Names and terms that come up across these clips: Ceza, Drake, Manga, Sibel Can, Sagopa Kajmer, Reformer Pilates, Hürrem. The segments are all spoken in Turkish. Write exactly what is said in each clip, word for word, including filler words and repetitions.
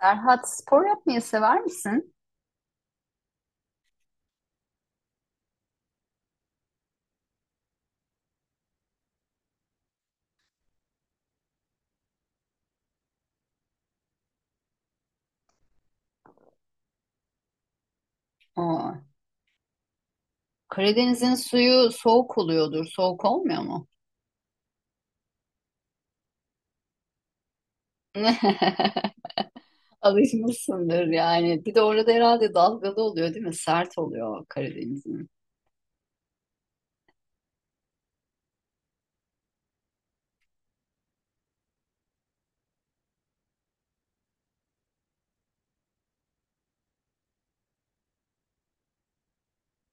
Serhat spor yapmayı sever misin? Aa, Karadeniz'in suyu soğuk oluyordur. Soğuk olmuyor mu? Alışmışsındır yani. Bir de orada herhalde dalgalı oluyor değil mi? Sert oluyor Karadeniz'in.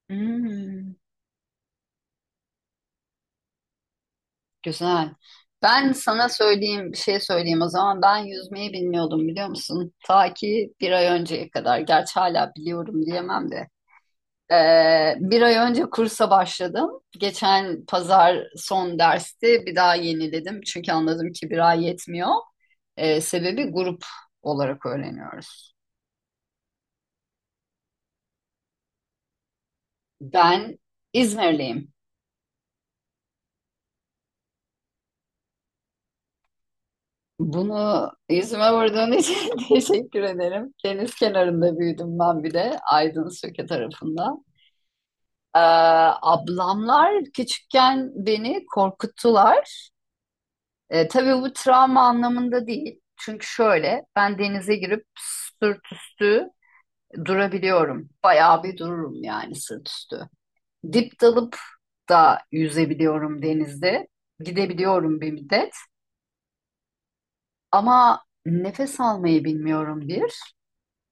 Hmm, güzel. Ben sana söyleyeyim, bir şey söyleyeyim o zaman. Ben yüzmeyi bilmiyordum biliyor musun? Ta ki bir ay önceye kadar. Gerçi hala biliyorum diyemem de. Ee, bir ay önce kursa başladım. Geçen pazar son dersti. Bir daha yeniledim. Çünkü anladım ki bir ay yetmiyor. Ee, sebebi grup olarak öğreniyoruz. Ben İzmirliyim. Bunu yüzüme vurduğun için teşekkür ederim. Deniz kenarında büyüdüm ben bir de. Aydın Söke tarafında. Ee, Ablamlar küçükken beni korkuttular. E, tabii bu travma anlamında değil. Çünkü şöyle ben denize girip sırt üstü durabiliyorum. Bayağı bir dururum yani sırt üstü. Dip dalıp da yüzebiliyorum denizde. Gidebiliyorum bir müddet. Ama nefes almayı bilmiyorum bir.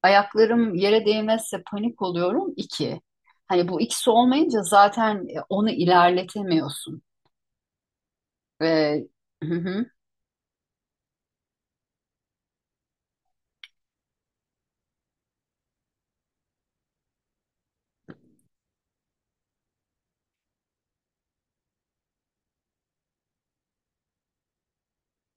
Ayaklarım yere değmezse panik oluyorum iki. Hani bu ikisi olmayınca zaten e, onu ilerletemiyorsun. Ve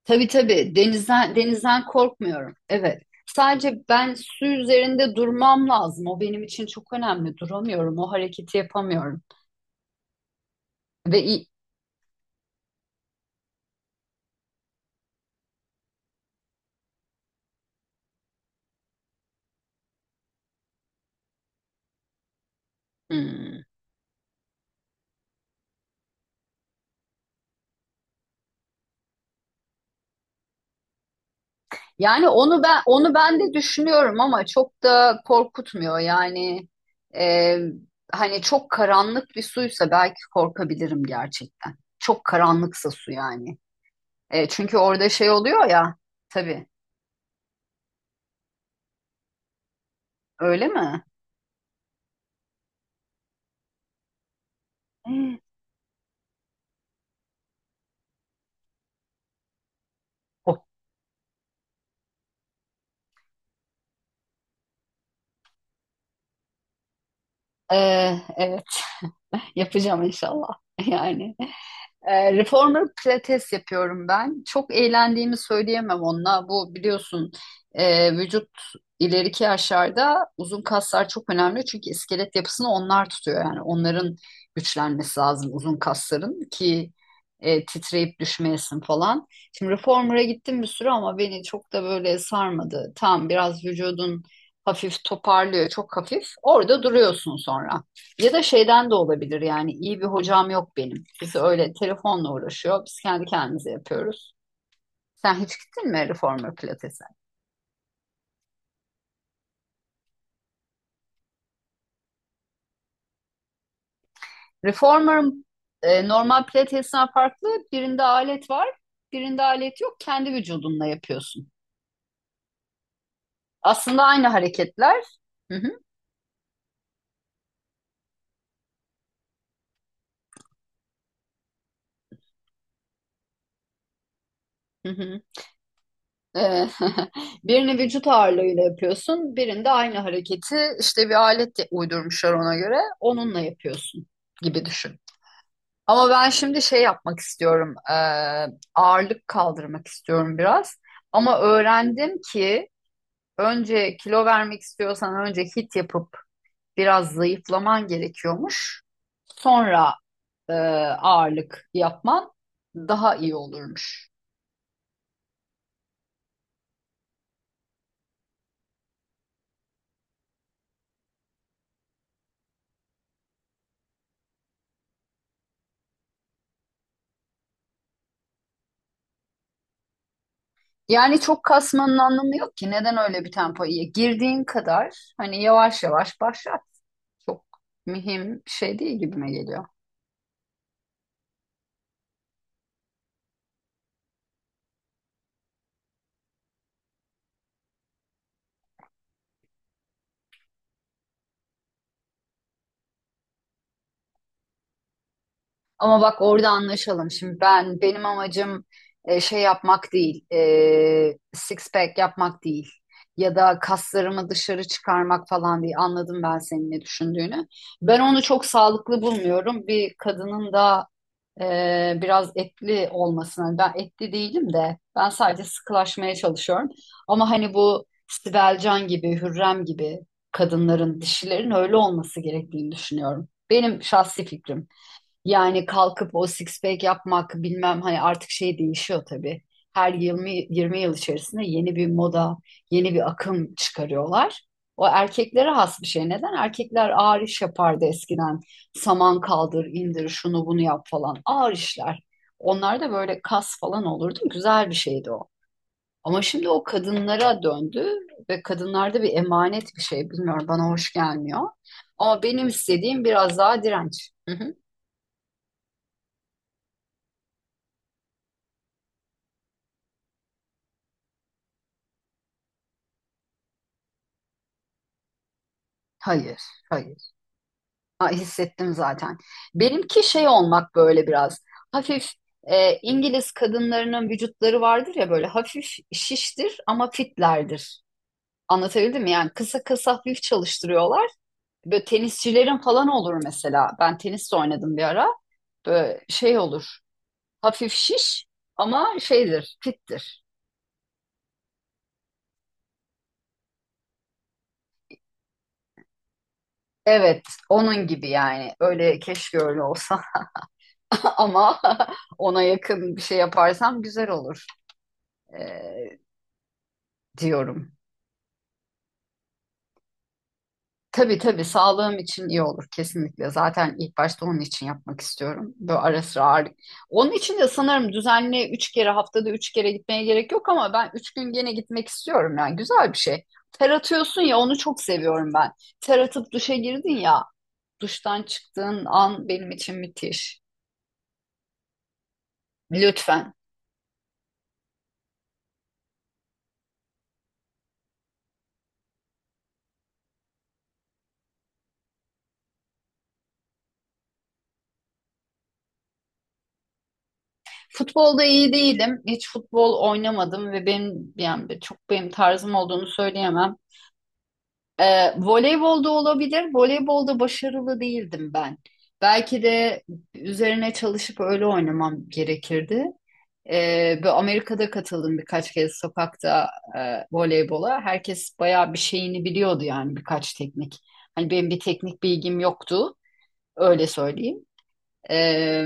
Tabii tabii denizden denizden korkmuyorum. Evet. Sadece ben su üzerinde durmam lazım. O benim için çok önemli. Duramıyorum. O hareketi yapamıyorum. Ve i- Hmm. Yani onu ben onu ben de düşünüyorum ama çok da korkutmuyor. Yani e, hani çok karanlık bir suysa belki korkabilirim gerçekten. Çok karanlıksa su yani. E, çünkü orada şey oluyor ya. Tabii. Öyle mi? Hmm. O- E, evet. Yapacağım inşallah. Yani e, Reformer Pilates yapıyorum ben. Çok eğlendiğimi söyleyemem onunla. Bu biliyorsun e, vücut ileriki yaşlarda uzun kaslar çok önemli. Çünkü iskelet yapısını onlar tutuyor. Yani onların güçlenmesi lazım uzun kasların ki e, titreyip düşmeyesin falan. Şimdi Reformer'a gittim bir süre ama beni çok da böyle sarmadı. Tam biraz vücudun hafif toparlıyor, çok hafif. Orada duruyorsun sonra. Ya da şeyden de olabilir yani iyi bir hocam yok benim. Biz öyle telefonla uğraşıyor. Biz kendi kendimize yapıyoruz. Sen hiç gittin mi reformer pilatese? Reformer'ın e, normal pilatesinden farklı, birinde alet var, birinde alet yok. Kendi vücudunla yapıyorsun. Aslında aynı hareketler. Hı hı, hı hı. E, birini vücut ağırlığıyla yapıyorsun, birinde aynı hareketi işte bir alet de uydurmuşlar, ona göre onunla yapıyorsun gibi düşün. Ama ben şimdi şey yapmak istiyorum. E, ağırlık kaldırmak istiyorum biraz. Ama öğrendim ki önce kilo vermek istiyorsan önce hit yapıp biraz zayıflaman gerekiyormuş. Sonra e, ağırlık yapman daha iyi olurmuş. Yani çok kasmanın anlamı yok ki. Neden öyle bir tempoya girdiğin kadar hani yavaş yavaş başlat. Çok mühim bir şey değil gibime geliyor. Ama bak orada anlaşalım. Şimdi ben benim amacım e, şey yapmak değil, e, six pack yapmak değil ya da kaslarımı dışarı çıkarmak falan değil. Anladım ben senin ne düşündüğünü. Ben onu çok sağlıklı bulmuyorum. Bir kadının da e, biraz etli olmasına. Ben etli değilim de ben sadece sıkılaşmaya çalışıyorum. Ama hani bu Sibel Can gibi, Hürrem gibi kadınların, dişilerin öyle olması gerektiğini düşünüyorum. Benim şahsi fikrim. Yani kalkıp o six pack yapmak bilmem hani artık şey değişiyor tabii. Her 20, yirmi yıl içerisinde yeni bir moda, yeni bir akım çıkarıyorlar. O erkeklere has bir şey. Neden? Erkekler ağır iş yapardı eskiden. Saman kaldır, indir, şunu bunu yap falan. Ağır işler. Onlar da böyle kas falan olurdu. Güzel bir şeydi o. Ama şimdi o kadınlara döndü ve kadınlarda bir emanet bir şey. Bilmiyorum, bana hoş gelmiyor. Ama benim istediğim biraz daha direnç. Hı hı. Hayır, hayır. Aa, hissettim zaten. Benimki şey olmak, böyle biraz hafif, e, İngiliz kadınlarının vücutları vardır ya, böyle hafif şiştir ama fitlerdir. Anlatabildim mi? Yani kısa kısa hafif çalıştırıyorlar. Böyle tenisçilerin falan olur mesela. Ben tenis de oynadım bir ara. Böyle şey olur. Hafif şiş ama şeydir, fittir. Evet, onun gibi yani. Öyle keşke öyle olsa ama ona yakın bir şey yaparsam güzel olur e, diyorum. Tabii tabii sağlığım için iyi olur kesinlikle. Zaten ilk başta onun için yapmak istiyorum. Böyle ara sıra ağırlık. Onun için de sanırım düzenli üç kere, haftada üç kere gitmeye gerek yok, ama ben üç gün gene gitmek istiyorum yani güzel bir şey. Ter atıyorsun ya, onu çok seviyorum ben. Ter atıp duşa girdin ya, duştan çıktığın an benim için müthiş. Lütfen. Futbolda iyi değilim. Hiç futbol oynamadım ve benim yani çok benim tarzım olduğunu söyleyemem. Ee, voleybolda olabilir. Voleybolda başarılı değildim ben. Belki de üzerine çalışıp öyle oynamam gerekirdi. Ee, bu Amerika'da katıldım birkaç kez sokakta e, voleybola. Herkes bayağı bir şeyini biliyordu yani birkaç teknik. Hani benim bir teknik bilgim yoktu. Öyle söyleyeyim. Ee,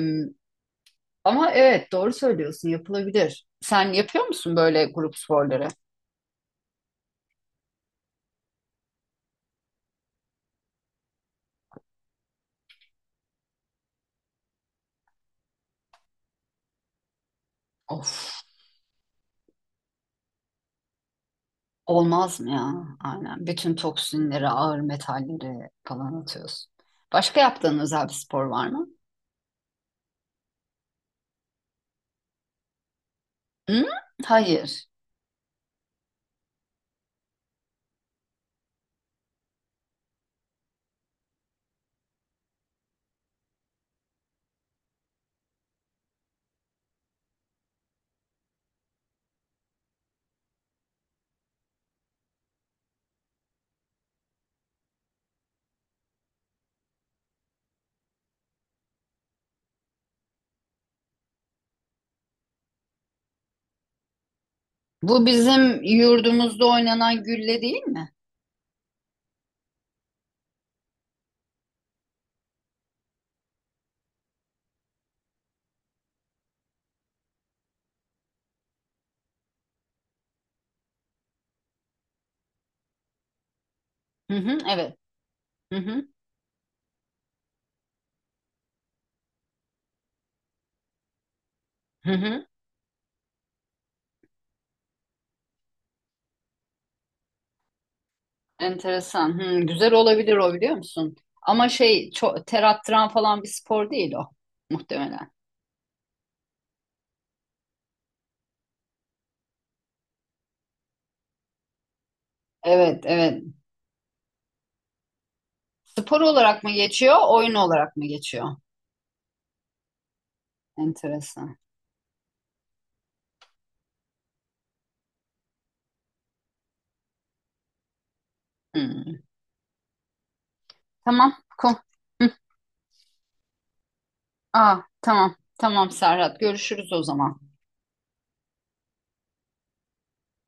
Ama evet doğru söylüyorsun, yapılabilir. Sen yapıyor musun böyle grup sporları? Of. Olmaz mı ya? Aynen. Bütün toksinleri, ağır metalleri falan atıyorsun. Başka yaptığın özel bir spor var mı? Hı? Hayır. Bu bizim yurdumuzda oynanan gülle değil mi? Hı hı, evet. Hı hı, hı hı. Enteresan. Hı, güzel olabilir o, biliyor musun? Ama şey, çok ter attıran falan bir spor değil o muhtemelen. Evet, evet. Spor olarak mı geçiyor, oyun olarak mı geçiyor? Enteresan. Hı. Tamam. Kom. Aa, tamam. Tamam Serhat. Görüşürüz o zaman.